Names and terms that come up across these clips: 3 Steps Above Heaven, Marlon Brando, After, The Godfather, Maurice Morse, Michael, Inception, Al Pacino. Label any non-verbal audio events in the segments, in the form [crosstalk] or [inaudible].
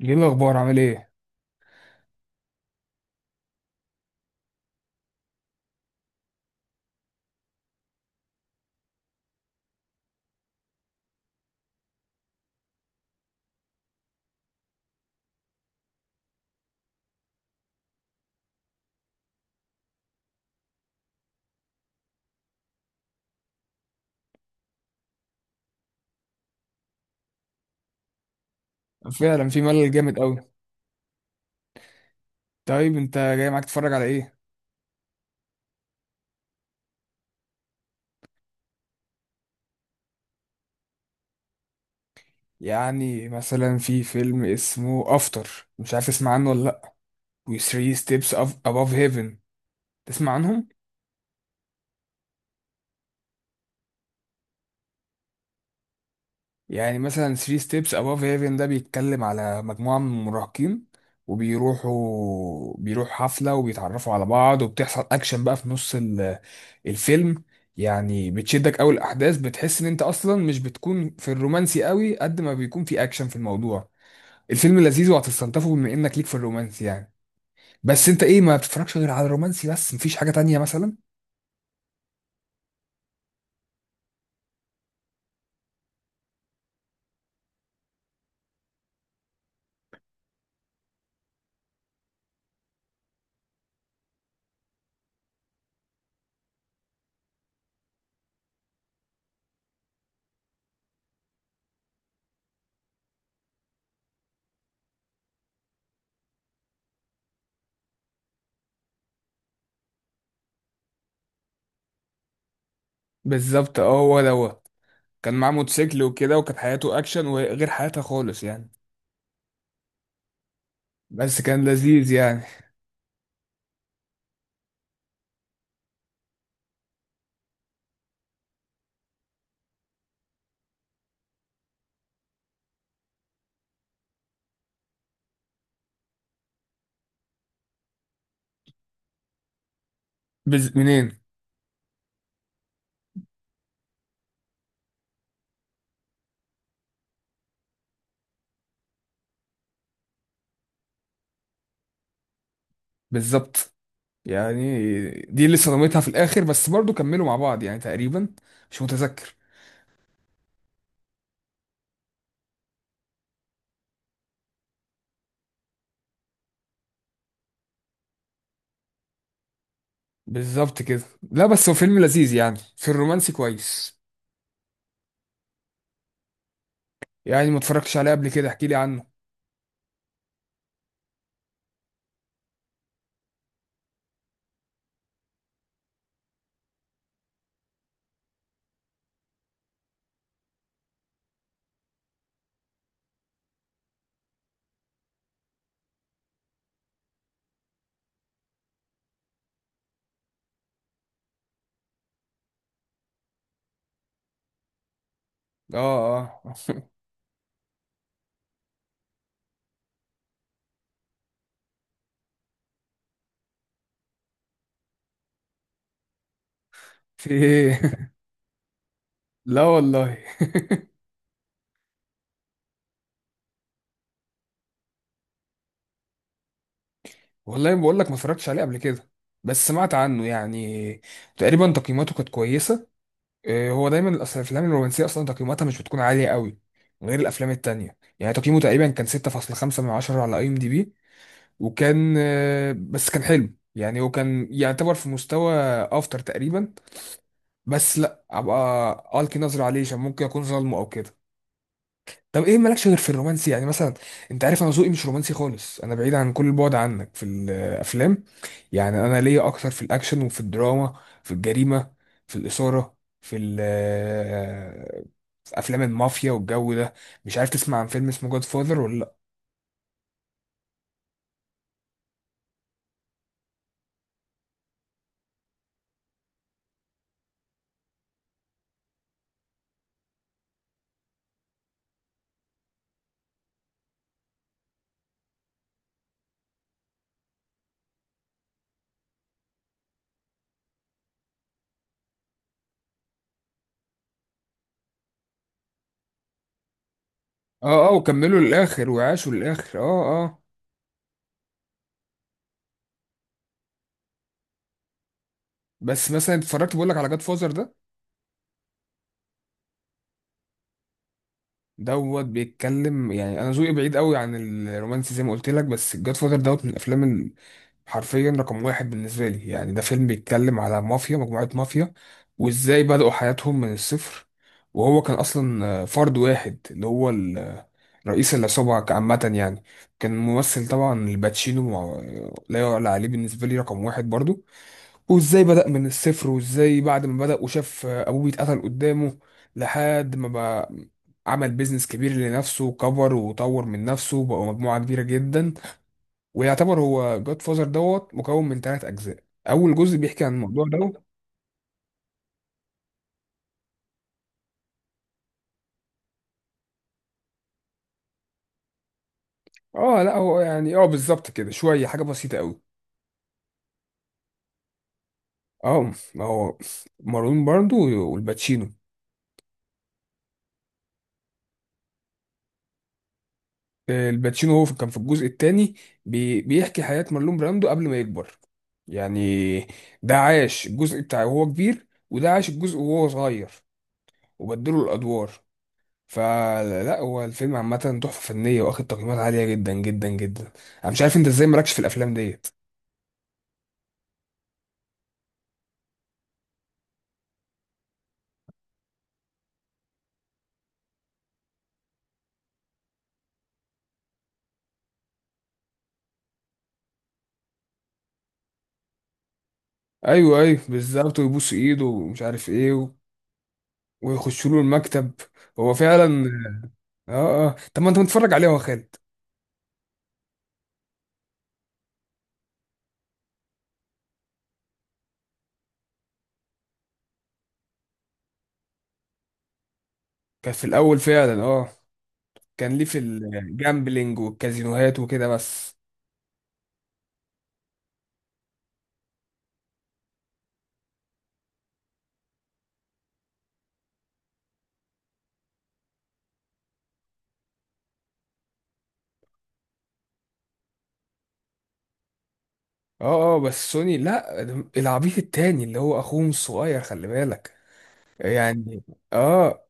ايه الاخبار، عامل ايه؟ فعلا في ملل جامد قوي. طيب انت جاي معاك تتفرج على ايه؟ يعني مثلا في فيلم اسمه افتر، مش عارف تسمع عنه ولا لا. و 3 ستيبس above heaven، تسمع عنهم؟ يعني مثلا 3 ستيبس above heaven ده بيتكلم على مجموعة من المراهقين، وبيروحوا حفلة وبيتعرفوا على بعض وبتحصل اكشن بقى في نص الفيلم. يعني بتشدك قوي الاحداث، بتحس ان انت اصلا مش بتكون في الرومانسي قوي قد ما بيكون في اكشن في الموضوع. الفيلم لذيذ وهتستلطفه بما انك ليك في الرومانسي يعني. بس انت ايه، ما بتتفرجش غير على الرومانسي بس، مفيش حاجة تانية مثلا؟ بالظبط. اه هو دوت كان معاه موتوسيكل وكده، وكانت حياته اكشن وغير حياتها خالص يعني. بس كان لذيذ يعني. منين؟ بالظبط. يعني دي اللي صدمتها في الاخر، بس برضو كملوا مع بعض يعني تقريبا. مش متذكر. بالظبط كده. لا بس هو فيلم لذيذ يعني في الرومانسي كويس. يعني ما اتفرجتش عليه قبل كده، احكي لي عنه. اه اه. في ايه؟ [laughs] لا والله. والله بقول لك ما اتفرجتش عليه قبل كده، بس سمعت عنه يعني. تقريبا تقييماته كانت كويسه. هو دايما الافلام الرومانسيه اصلا تقييماتها مش بتكون عاليه قوي غير الافلام التانية. يعني تقييمه تقريبا كان 6.5 من 10 على IMDB. وكان بس كان حلو يعني، هو كان يعتبر في مستوى افتر تقريبا. بس لا، ابقى القي نظره عليه عشان ممكن اكون ظالمه او كده. طب ايه مالكش غير في الرومانسي يعني مثلا؟ انت عارف انا ذوقي مش رومانسي خالص، انا بعيد عن كل البعد عنك في الافلام. يعني انا ليا اكتر في الاكشن وفي الدراما، في الجريمه، في الاثاره، في في افلام المافيا والجو ده. مش عارف تسمع عن فيلم اسمه جاد فاذر ولا لا؟ اه اه، وكملوا للاخر وعاشوا للاخر، اه. اه بس مثلا اتفرجت بقول لك على جاد فاذر ده. دوت بيتكلم يعني، انا ذوقي بعيد قوي عن الرومانسي زي ما قلت لك، بس الجاد فادر دوت من الافلام حرفيا رقم واحد بالنسبه لي. يعني ده فيلم بيتكلم على مافيا، مجموعه مافيا، وازاي بدأوا حياتهم من الصفر. وهو كان اصلا فرد واحد اللي هو رئيس العصابه عامه يعني. كان ممثل طبعا الباتشينو لا يعلى عليه بالنسبه لي، رقم واحد برضو. وازاي بدأ من الصفر، وازاي بعد ما بدأ وشاف ابوه بيتقتل قدامه، لحد ما بقى عمل بيزنس كبير لنفسه وكبر وطور من نفسه وبقى مجموعة كبيرة جدا. ويعتبر هو جاد فازر دوت مكون من ثلاث اجزاء. اول جزء بيحكي عن الموضوع دوت. اه لا هو يعني، اه بالظبط كده، شوية حاجة بسيطة قوي. اه ما هو مارون باردو والباتشينو. الباتشينو هو كان في الجزء الثاني، بيحكي حياة مارلون براندو قبل ما يكبر. يعني ده عاش الجزء بتاعه وهو كبير، وده عاش الجزء وهو صغير، وبدلوا الأدوار. فلا هو الفيلم عامة تحفة فنية، واخد تقييمات عالية جدا جدا جدا. انا مش عارف انت ازاي مالكش في الافلام ديت. ايوه ايوه بالظبط، ويبوس ايده ومش عارف ايه. ويخشوا له المكتب. هو فعلا. اه اه، طب ما انت متفرج عليه يا خالد. كان في الاول فعلا اه، كان ليه في الجامبلينج والكازينوهات وكده بس. اه اه بس سوني لا، العبيط التاني اللي هو اخوهم الصغير، خلي بالك يعني. اه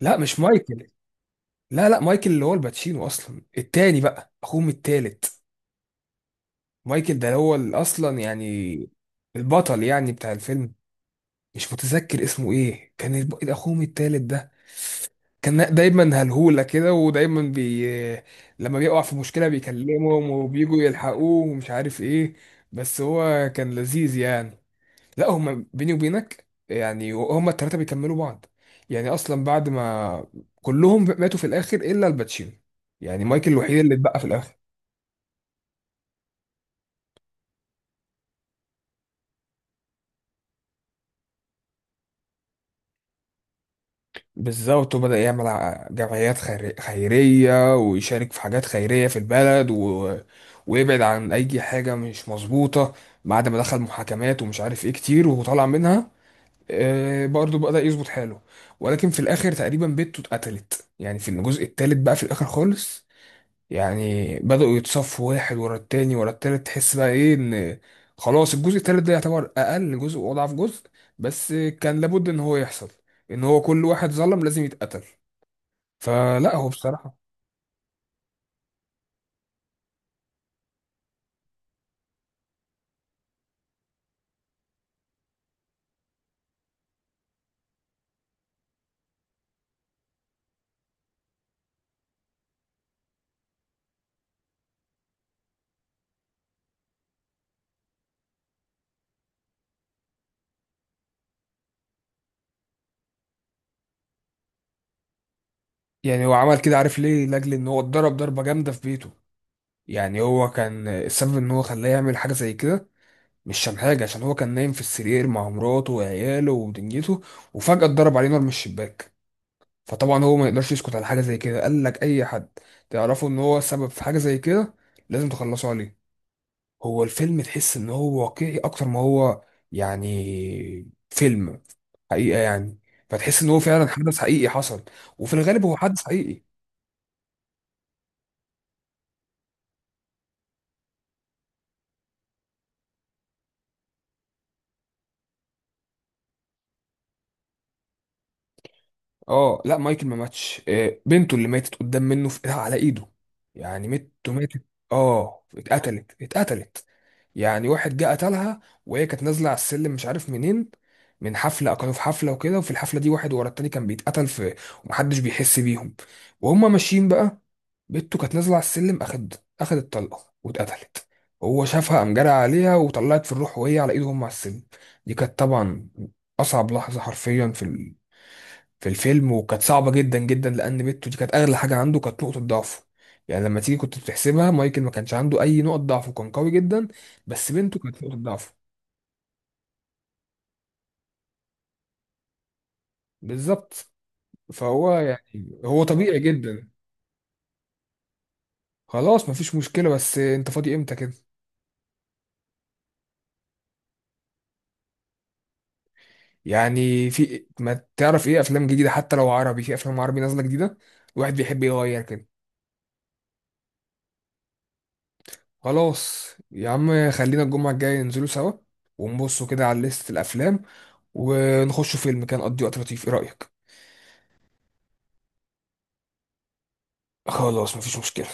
لا مش مايكل. لا لا، مايكل اللي هو الباتشينو اصلا التاني بقى، اخوهم التالت. مايكل ده هو اصلا يعني البطل يعني بتاع الفيلم. مش متذكر اسمه ايه، كان اخوهم التالت ده. كان دايما هلهولة كده، ودايما بي، لما بيقع في مشكلة بيكلمهم وبيجوا يلحقوه ومش عارف ايه. بس هو كان لذيذ يعني. لا هما بيني وبينك يعني، هما التلاتة بيكملوا بعض. يعني اصلا بعد ما كلهم ماتوا في الاخر الا الباتشينو. يعني مايكل الوحيد اللي اتبقى في الاخر. بالظبط، وبدأ يعمل جمعيات خيرية، ويشارك في حاجات خيرية في البلد. ويبعد عن أي حاجة مش مظبوطة. بعد ما دخل محاكمات ومش عارف إيه كتير وطلع منها، برضه بدأ يظبط حاله. ولكن في الآخر تقريبا بنته اتقتلت، يعني في الجزء التالت بقى في الآخر خالص. يعني بدأوا يتصفوا واحد ورا التاني ورا التالت، تحس بقى ايه ان خلاص الجزء التالت ده يعتبر اقل جزء واضعف جزء. بس كان لابد ان هو يحصل، ان هو كل واحد ظلم لازم يتقتل. فلا هو بصراحة يعني، هو عمل كده عارف ليه؟ لاجل ان هو اتضرب ضربة جامدة في بيته. يعني هو كان السبب ان هو خلاه يعمل حاجة زي كده، مش عشان حاجة، عشان هو كان نايم في السرير مع مراته وعياله ودنيته، وفجأة اتضرب عليه نار من الشباك. فطبعا هو ما يقدرش يسكت على حاجه زي كده. قال لك اي حد تعرفه ان هو سبب في حاجه زي كده لازم تخلصوا عليه. هو الفيلم تحس ان هو واقعي اكتر ما هو يعني فيلم، حقيقه يعني. فتحس ان هو فعلا حدث حقيقي حصل. وفي الغالب هو حدث حقيقي. اه لا مايكل ما ماتش، بنته اللي ماتت قدام منه في على ايده. يعني ميته ماتت. اه اتقتلت. يعني واحد جه قتلها، وهي كانت نازله على السلم مش عارف منين، من حفله. كانوا في حفله وكده، وفي الحفله دي واحد ورا التاني كان بيتقتل في، ومحدش بيحس بيهم وهما ماشيين بقى. بنته كانت نازله على السلم، اخد اخدت طلقه واتقتلت. هو شافها قام جرى عليها وطلعت في الروح وهي على ايده هم على السلم. دي كانت طبعا اصعب لحظه حرفيا في الفيلم، وكانت صعبة جدا جدا لأن ميتو دي كانت أغلى حاجة عنده، كانت نقطة ضعفه. يعني لما تيجي كنت بتحسبها مايكل ما كانش عنده أي نقط ضعف وكان قوي جدا، بس بنته كانت نقطة ضعفه. بالظبط. فهو يعني هو طبيعي جدا. خلاص مفيش مشكلة، بس أنت فاضي إمتى كده؟ يعني في، ما تعرف إيه أفلام جديدة، حتى لو عربي، في أفلام عربي نازلة جديدة. الواحد بيحب يغير كده. خلاص يا عم، خلينا الجمعة الجاية ننزلوا سوا، ونبصوا كده على لستة الأفلام، ونخشوا فيلم، كان قضي وقت لطيف، إيه رأيك؟ خلاص مفيش مشكلة.